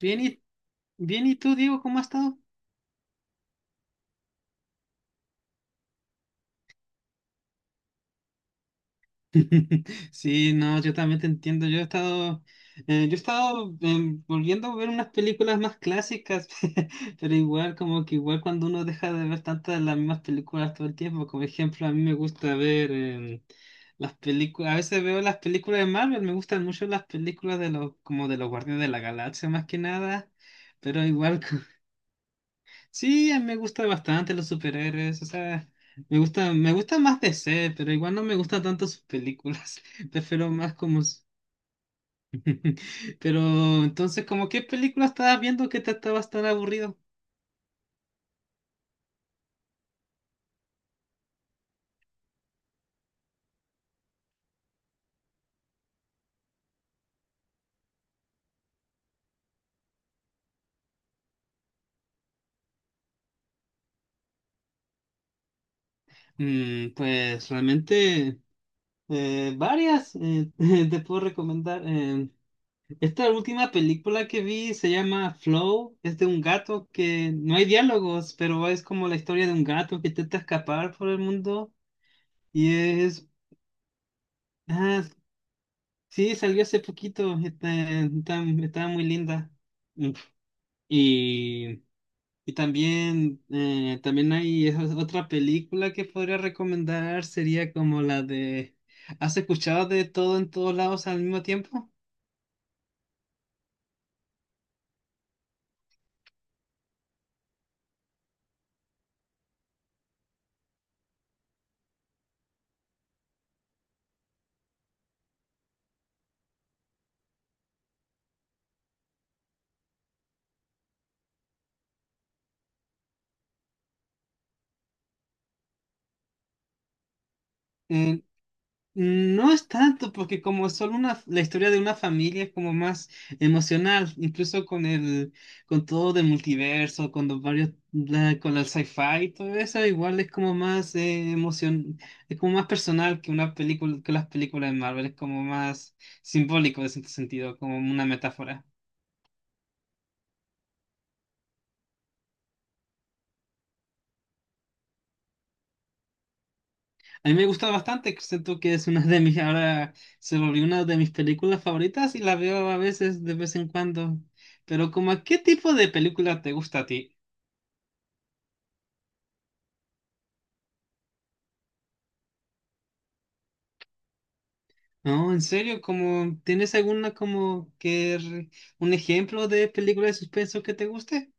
Bien y, bien, ¿y tú, Diego, cómo has estado? Sí, no, yo también te entiendo. Yo he estado, volviendo a ver unas películas más clásicas. Pero igual, como que igual cuando uno deja de ver tantas de las mismas películas todo el tiempo, como ejemplo, a mí me gusta ver las películas, a veces veo las películas de Marvel, me gustan mucho las películas de los, como de los Guardianes de la Galaxia más que nada, pero igual. Sí, a mí me gusta bastante los superhéroes, o sea, me gusta más DC, pero igual no me gustan tanto sus películas. Prefiero más como Pero entonces, ¿como qué película estabas viendo que te estabas tan aburrido? Mm, pues realmente varias. Te puedo recomendar. Esta última película que vi se llama Flow, es de un gato que no hay diálogos, pero es como la historia de un gato que intenta escapar por el mundo y ah, sí, salió hace poquito, está, está muy linda. Mm, Y, y también, también hay otra película que podría recomendar, sería como la de... ¿Has escuchado de todo en todos lados al mismo tiempo? Eh, No es tanto, porque como es solo una, la historia de una familia es como más emocional, incluso con el, con todo del multiverso, con los varios, con el sci-fi y todo eso, igual es como más emoción, es como más personal que una película, que las películas de Marvel, es como más simbólico en cierto sentido, como una metáfora. A mí me gusta bastante, siento que es una de mis, ahora se volvió una de mis películas favoritas y la veo a veces de vez en cuando. Pero como, ¿a ¿qué tipo de película te gusta a ti? No, en serio, como, ¿tienes alguna como que un ejemplo de película de suspenso que te guste?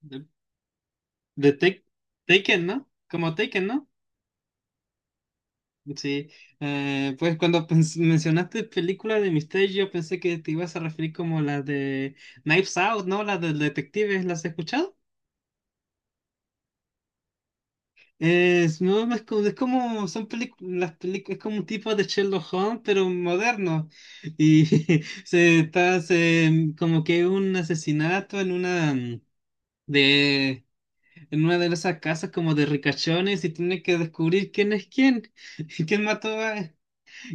De, de Take- Taken, ¿no? Como Taken, ¿no? Sí, pues cuando mencionaste película de misterio, yo pensé que te ibas a referir como la de Knives Out, ¿no? La del detective, ¿las has escuchado? Es, no, es como son películas, las películas, es como un tipo de Sherlock Holmes, pero moderno. Y se está como que un asesinato en una de en una de esas casas como de ricachones y tiene que descubrir quién es quién, quién mató a,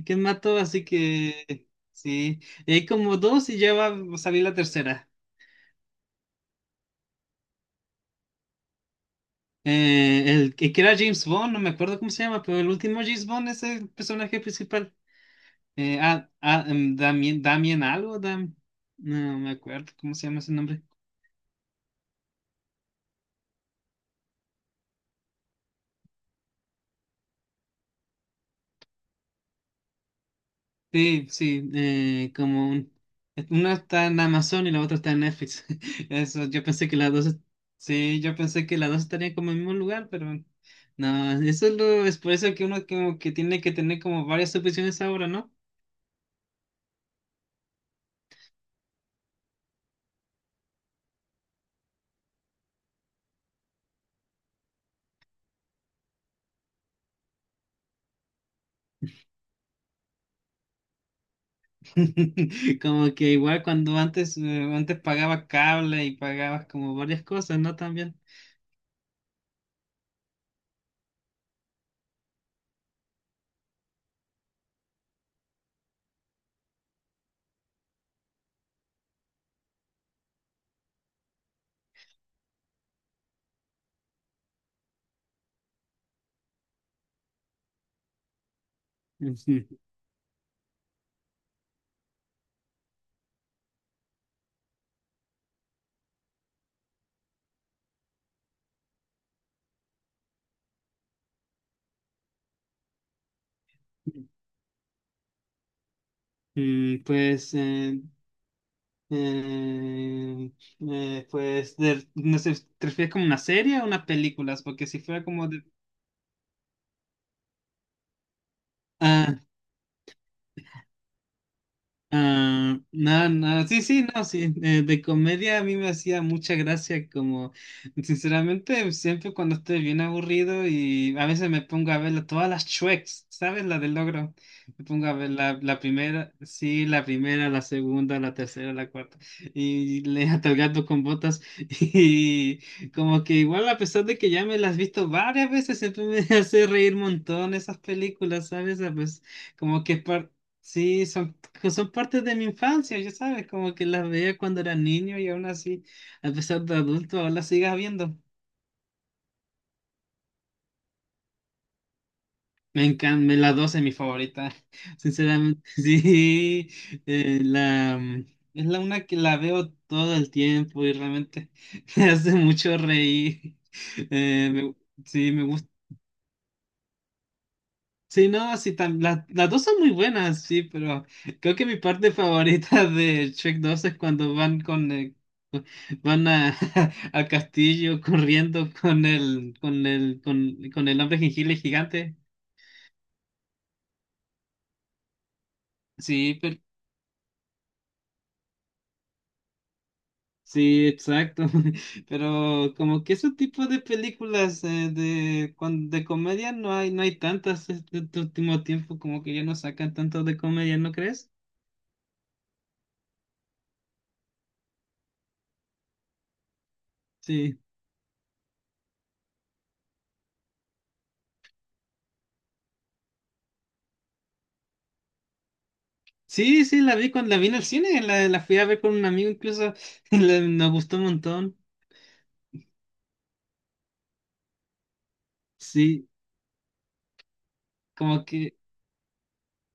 quién mató, así que sí. Y hay como dos y ya va a salir la tercera. El que era James Bond, no me acuerdo cómo se llama, pero el último James Bond es el personaje principal. Damien, Damien algo, Dam, no me acuerdo cómo se llama ese nombre. Sí, sí, como un, una está en Amazon y la otra está en Netflix. Eso, yo pensé que las dos, sí, yo pensé que las dos estarían como en el mismo lugar, pero no, eso es, lo, es por eso que uno como que tiene que tener como varias opciones ahora, ¿no? Como que igual cuando antes, antes pagaba cable y pagabas como varias cosas, ¿no? También. Ujú. Mm, pues, Eh, pues, no sé, ¿te refieres como una serie o unas películas? Porque si fuera como de... Ah, ah, no, no, sí, sí, no, sí. De comedia a mí me hacía mucha gracia, como, sinceramente, siempre cuando estoy bien aburrido y a veces me pongo a ver todas las Shreks, ¿sabes? La del logro. Me pongo a ver la, la primera, sí, la primera, la segunda, la tercera, la cuarta. Y le hasta el gato con botas. Y como que igual, a pesar de que ya me las he visto varias veces, siempre me hace reír un montón esas películas, ¿sabes? Ah, pues, como que es sí, son, que son partes de mi infancia, ya sabes, como que las veía cuando era niño y aún así, a pesar de adulto, aún las sigas viendo. Me encanta, la dos es mi favorita, sinceramente. Sí, eh, la, mm, es la una que la veo todo el tiempo y realmente me hace mucho reír. Eh, me- sí, me gusta. Sí, no, sí, las dos son muy buenas, sí, pero creo que mi parte favorita de Shrek 2 es cuando van con cu- van a, al castillo corriendo con con el hombre jengibre gigante. Sí, pero, sí, exacto. Pero como que ese tipo de películas de comedia no hay tantas este último tiempo como que ya no sacan tanto de comedia, ¿no crees? Sí. Sí, sí, la vi cuando la vi en el cine, la fui a ver con un amigo incluso, nos gustó un montón. Sí, como que,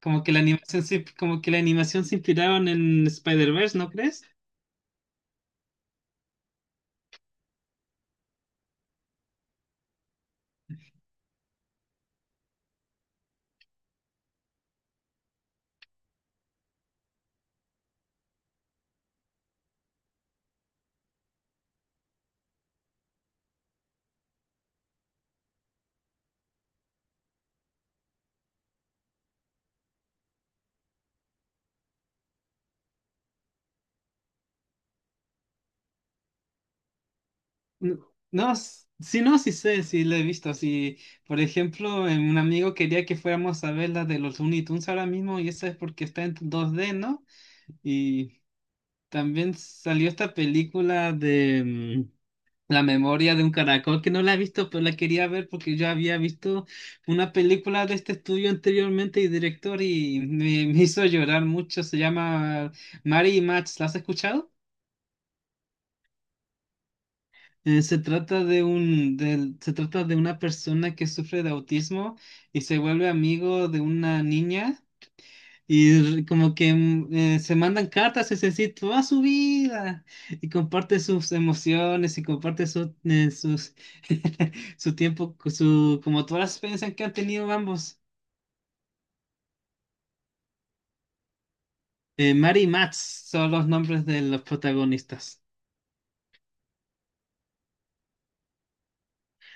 como que la animación se, como que la animación se inspiraron en Spider-Verse, ¿no crees? N- sí, no, sí sé, sí la he visto. Sí, por ejemplo, un amigo quería que fuéramos a ver la de los Looney Tunes ahora mismo, y esa es porque está en dos d, ¿no? Y también salió esta película de mm, La memoria de un caracol que no la he visto, pero la quería ver porque yo había visto una película de este estudio anteriormente y director y me hizo llorar mucho. Se llama Mary y Max. ¿La has escuchado? Se trata de un, se trata de una persona que sufre de autismo y se vuelve amigo de una niña. Como que se mandan cartas, es decir, toda su vida, y comparte sus emociones, y comparte su, sus, su tiempo, su, como todas las experiencias que han tenido ambos. Mary y Max son los nombres de los protagonistas.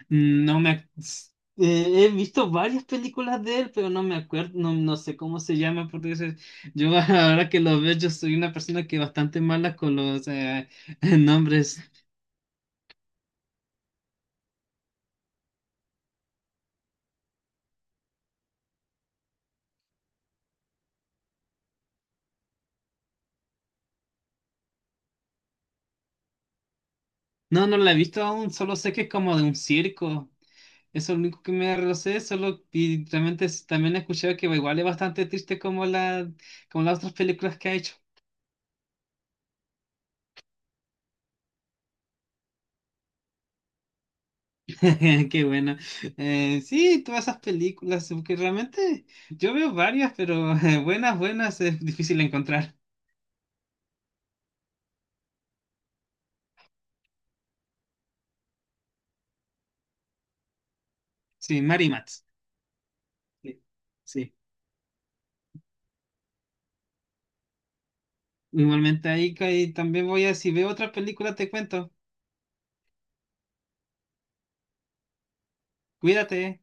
Mm, no me, he visto varias películas de él, pero no me acuerdo, no, no sé cómo se llama, porque yo ahora que lo veo, yo soy una persona que bastante mala con los nombres. No, no la he visto aún, solo sé que es como de un circo. Eso es lo único que me lo sé, solo y realmente también he escuchado que igual es bastante triste como la como las otras películas que ha hecho. Qué bueno. Sí, todas esas películas, que realmente yo veo varias, pero buenas, buenas es difícil encontrar. Sí, Mary Mats. Sí. Sí. Igualmente ahí, ahí también voy a, si veo otra película te cuento. Cuídate.